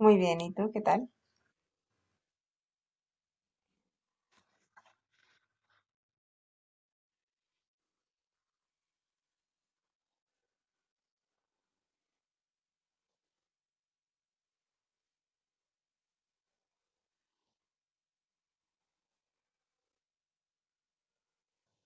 Muy bien, ¿y tú qué tal?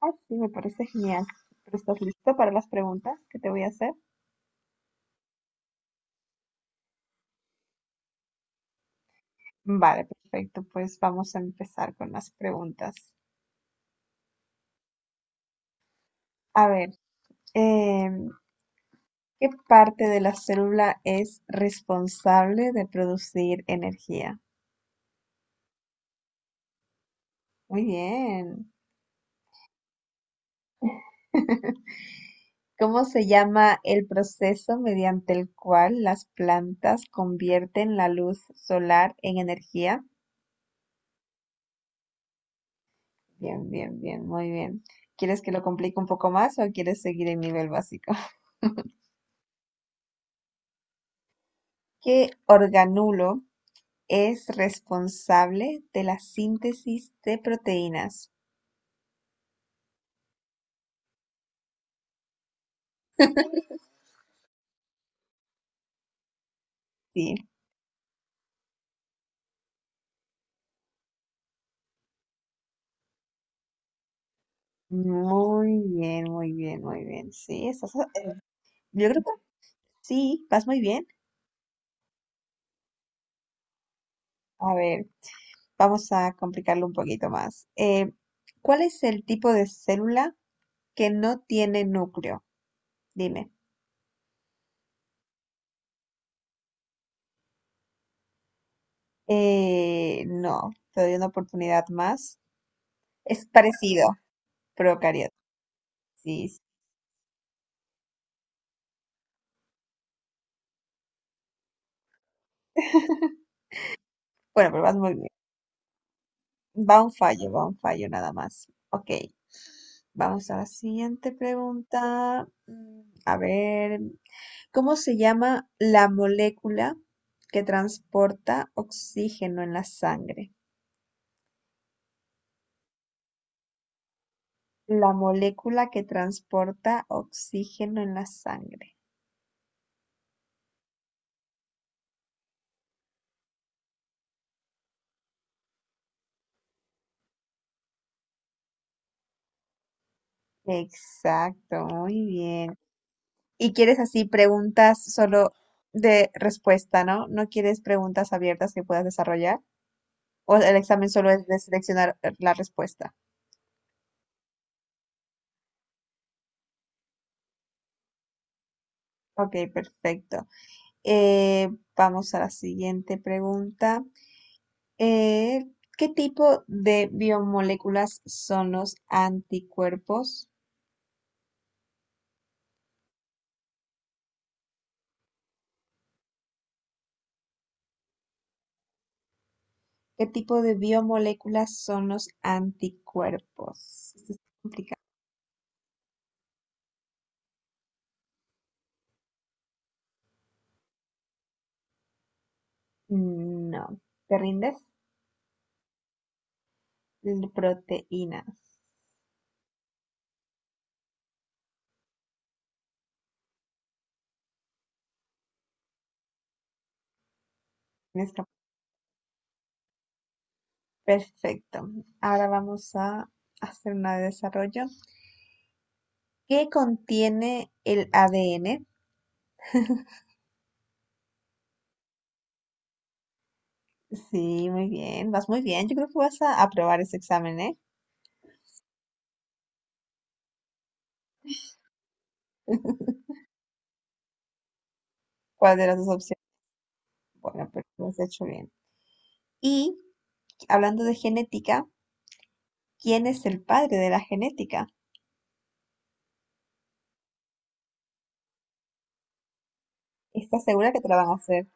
Ah, sí, me parece genial. ¿Pero estás listo para las preguntas que te voy a hacer? Vale, perfecto. Pues vamos a empezar con las preguntas. A ver, em, ¿qué parte de la célula es responsable de producir energía? Muy bien. ¿Cómo se llama el proceso mediante el cual las plantas convierten la luz solar en energía? Bien, bien, bien, muy bien. ¿Quieres que lo complique un poco más o quieres seguir el nivel básico? ¿Qué organulo es responsable de la síntesis de proteínas? Sí, muy bien, muy bien, muy bien. Sí, yo creo que sí, vas muy bien. A ver, vamos a complicarlo un poquito más. ¿Cuál es el tipo de célula que no tiene núcleo? Dime. No, te doy una oportunidad más. Es parecido. Procariota. Sí, sí. Bueno, pero vas muy bien. Va un fallo nada más. Ok. Vamos a la siguiente pregunta. A ver, ¿cómo se llama la molécula que transporta oxígeno en la sangre? La molécula que transporta oxígeno en la sangre. Exacto, muy bien. Y quieres así preguntas solo de respuesta, ¿no? No quieres preguntas abiertas que puedas desarrollar. O el examen solo es de seleccionar la respuesta. Ok, perfecto. Eh, vamos a la siguiente pregunta. Eh, ¿Qué tipo de biomoléculas son los anticuerpos? ¿Qué tipo de biomoléculas son los anticuerpos? Esto es complicado. No. ¿Te rindes? Proteínas. Tienes cap- Perfecto. Ahora vamos a hacer una de desarrollo. ¿Qué contiene el ADN? Sí, muy bien, vas muy bien. Yo creo que vas a aprobar ese examen, ¿eh? ¿Cuál de las dos opciones? Bueno, pero lo has hecho bien. Y hablando de genética, ¿quién es el padre de la genética? ¿Estás segura que te la van a hacer?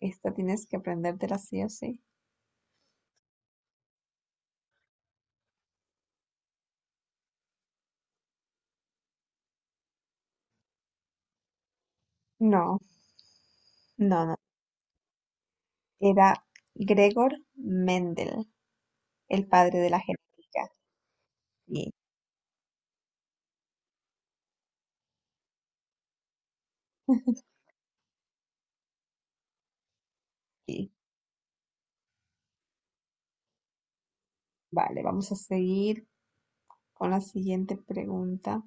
Esta tienes que aprendértela sí o sí. No, no, no. Era Gregor Mendel, el padre de la genética. Sí, sí. Vale, vamos a seguir con la siguiente pregunta.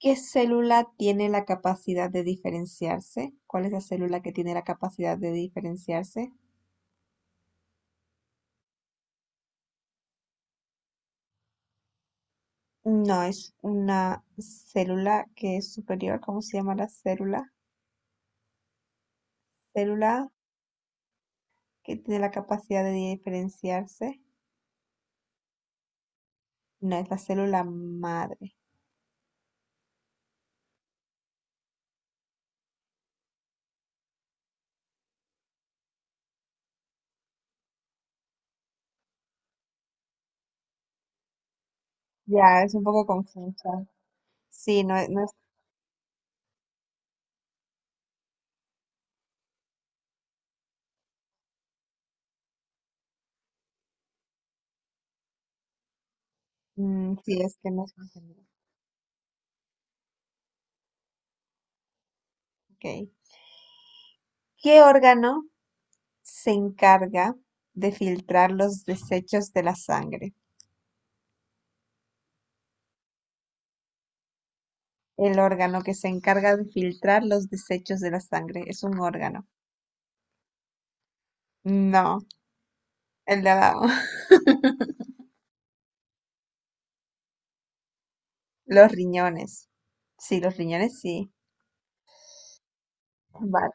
¿Qué célula tiene la capacidad de diferenciarse? ¿Cuál es la célula que tiene la capacidad de diferenciarse? No, es una célula que es superior. ¿Cómo se llama la célula? Célula que tiene la capacidad de diferenciarse. No, es la célula madre. Ya, es un poco confusa. Sí, no, es, no es. Mm, sí, es que no es confusa. Ok. ¿Qué órgano se encarga de filtrar los desechos de la sangre? El órgano que se encarga de filtrar los desechos de la sangre es un órgano. No, el de abajo. Los riñones. Sí, los riñones sí. Vale,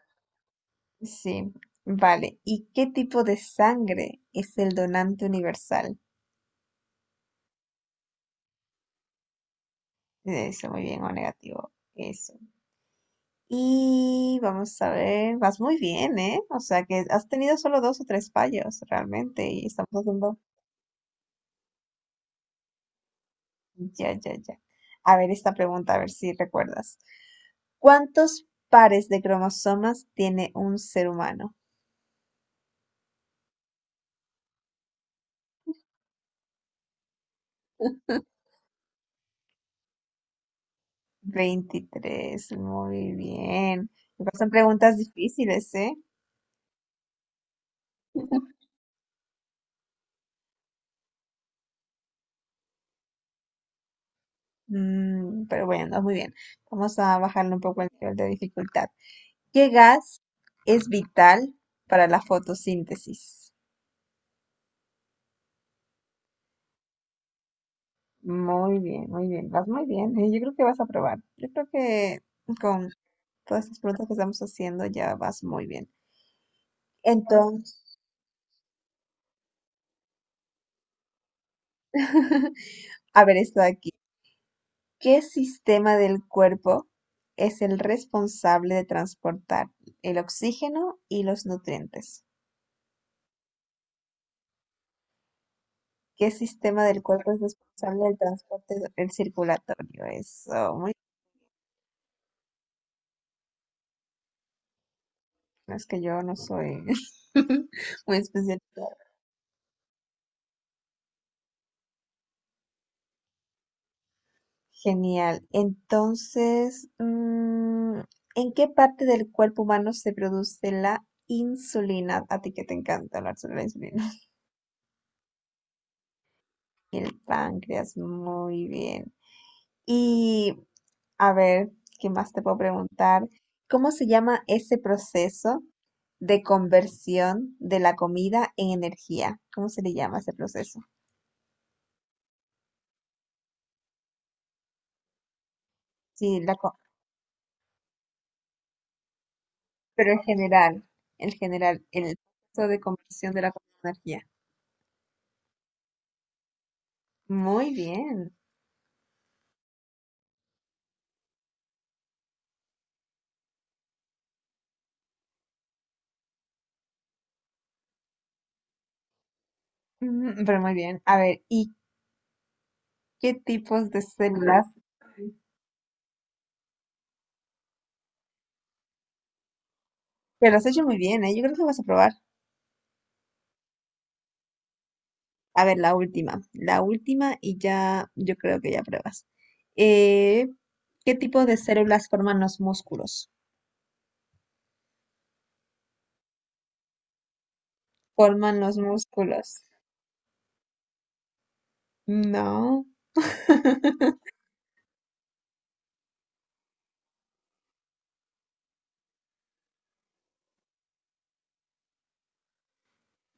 sí. Vale. ¿Y qué tipo de sangre es el donante universal? Eso, muy bien, o negativo. Eso. Y vamos a ver, vas muy bien, ¿eh? O sea que has tenido solo dos o tres fallos realmente y estamos haciendo... Ya, ya, ya. A ver esta pregunta, a ver si recuerdas. ¿Cuántos pares de cromosomas tiene un ser humano? Veintitrés. Muy bien. Igual son preguntas difíciles, ¿eh? Mm, pero bueno, muy bien. Vamos a bajarle un poco el nivel de dificultad. ¿Qué gas es vital para la fotosíntesis? Muy bien, muy bien. Vas muy bien. Yo creo que vas a probar. Yo creo que con todas estas preguntas que estamos haciendo ya vas muy bien. Entonces, a ver esto de aquí. ¿Qué sistema del cuerpo es el responsable de transportar el oxígeno y los nutrientes? ¿Qué sistema del cuerpo es responsable del transporte el circulatorio? Eso, muy bien, es que yo no soy muy especialista. Genial. Entonces, ¿en qué parte del cuerpo humano se produce la insulina? A ti que te encanta hablar sobre la insulina. El páncreas, muy bien. Y a ver, ¿qué más te puedo preguntar? ¿Cómo se llama ese proceso de conversión de la comida en energía? ¿Cómo se le llama ese proceso? Sí, la co. Pero en general, el proceso de conversión de la comida en energía. Muy bien, pero muy bien. A ver, ¿y qué tipos de células? Te lo has hecho muy bien, ¿eh? Yo creo que vas a probar. A ver, la última. La última y ya, yo creo que ya pruebas. Eh, ¿Qué tipo de células forman los músculos? Forman los músculos. No,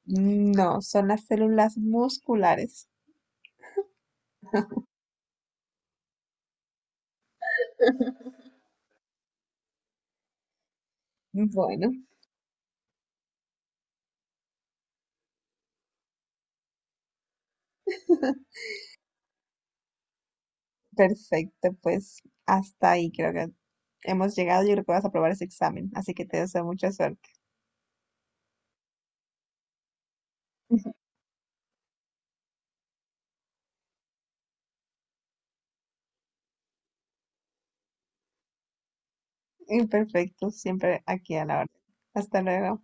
no, son las células musculares. Bueno, perfecto, pues hasta ahí creo que hemos llegado. Yo creo que vas a probar ese examen, así que te deseo mucha suerte. Perfecto, siempre aquí a la orden. Hasta luego.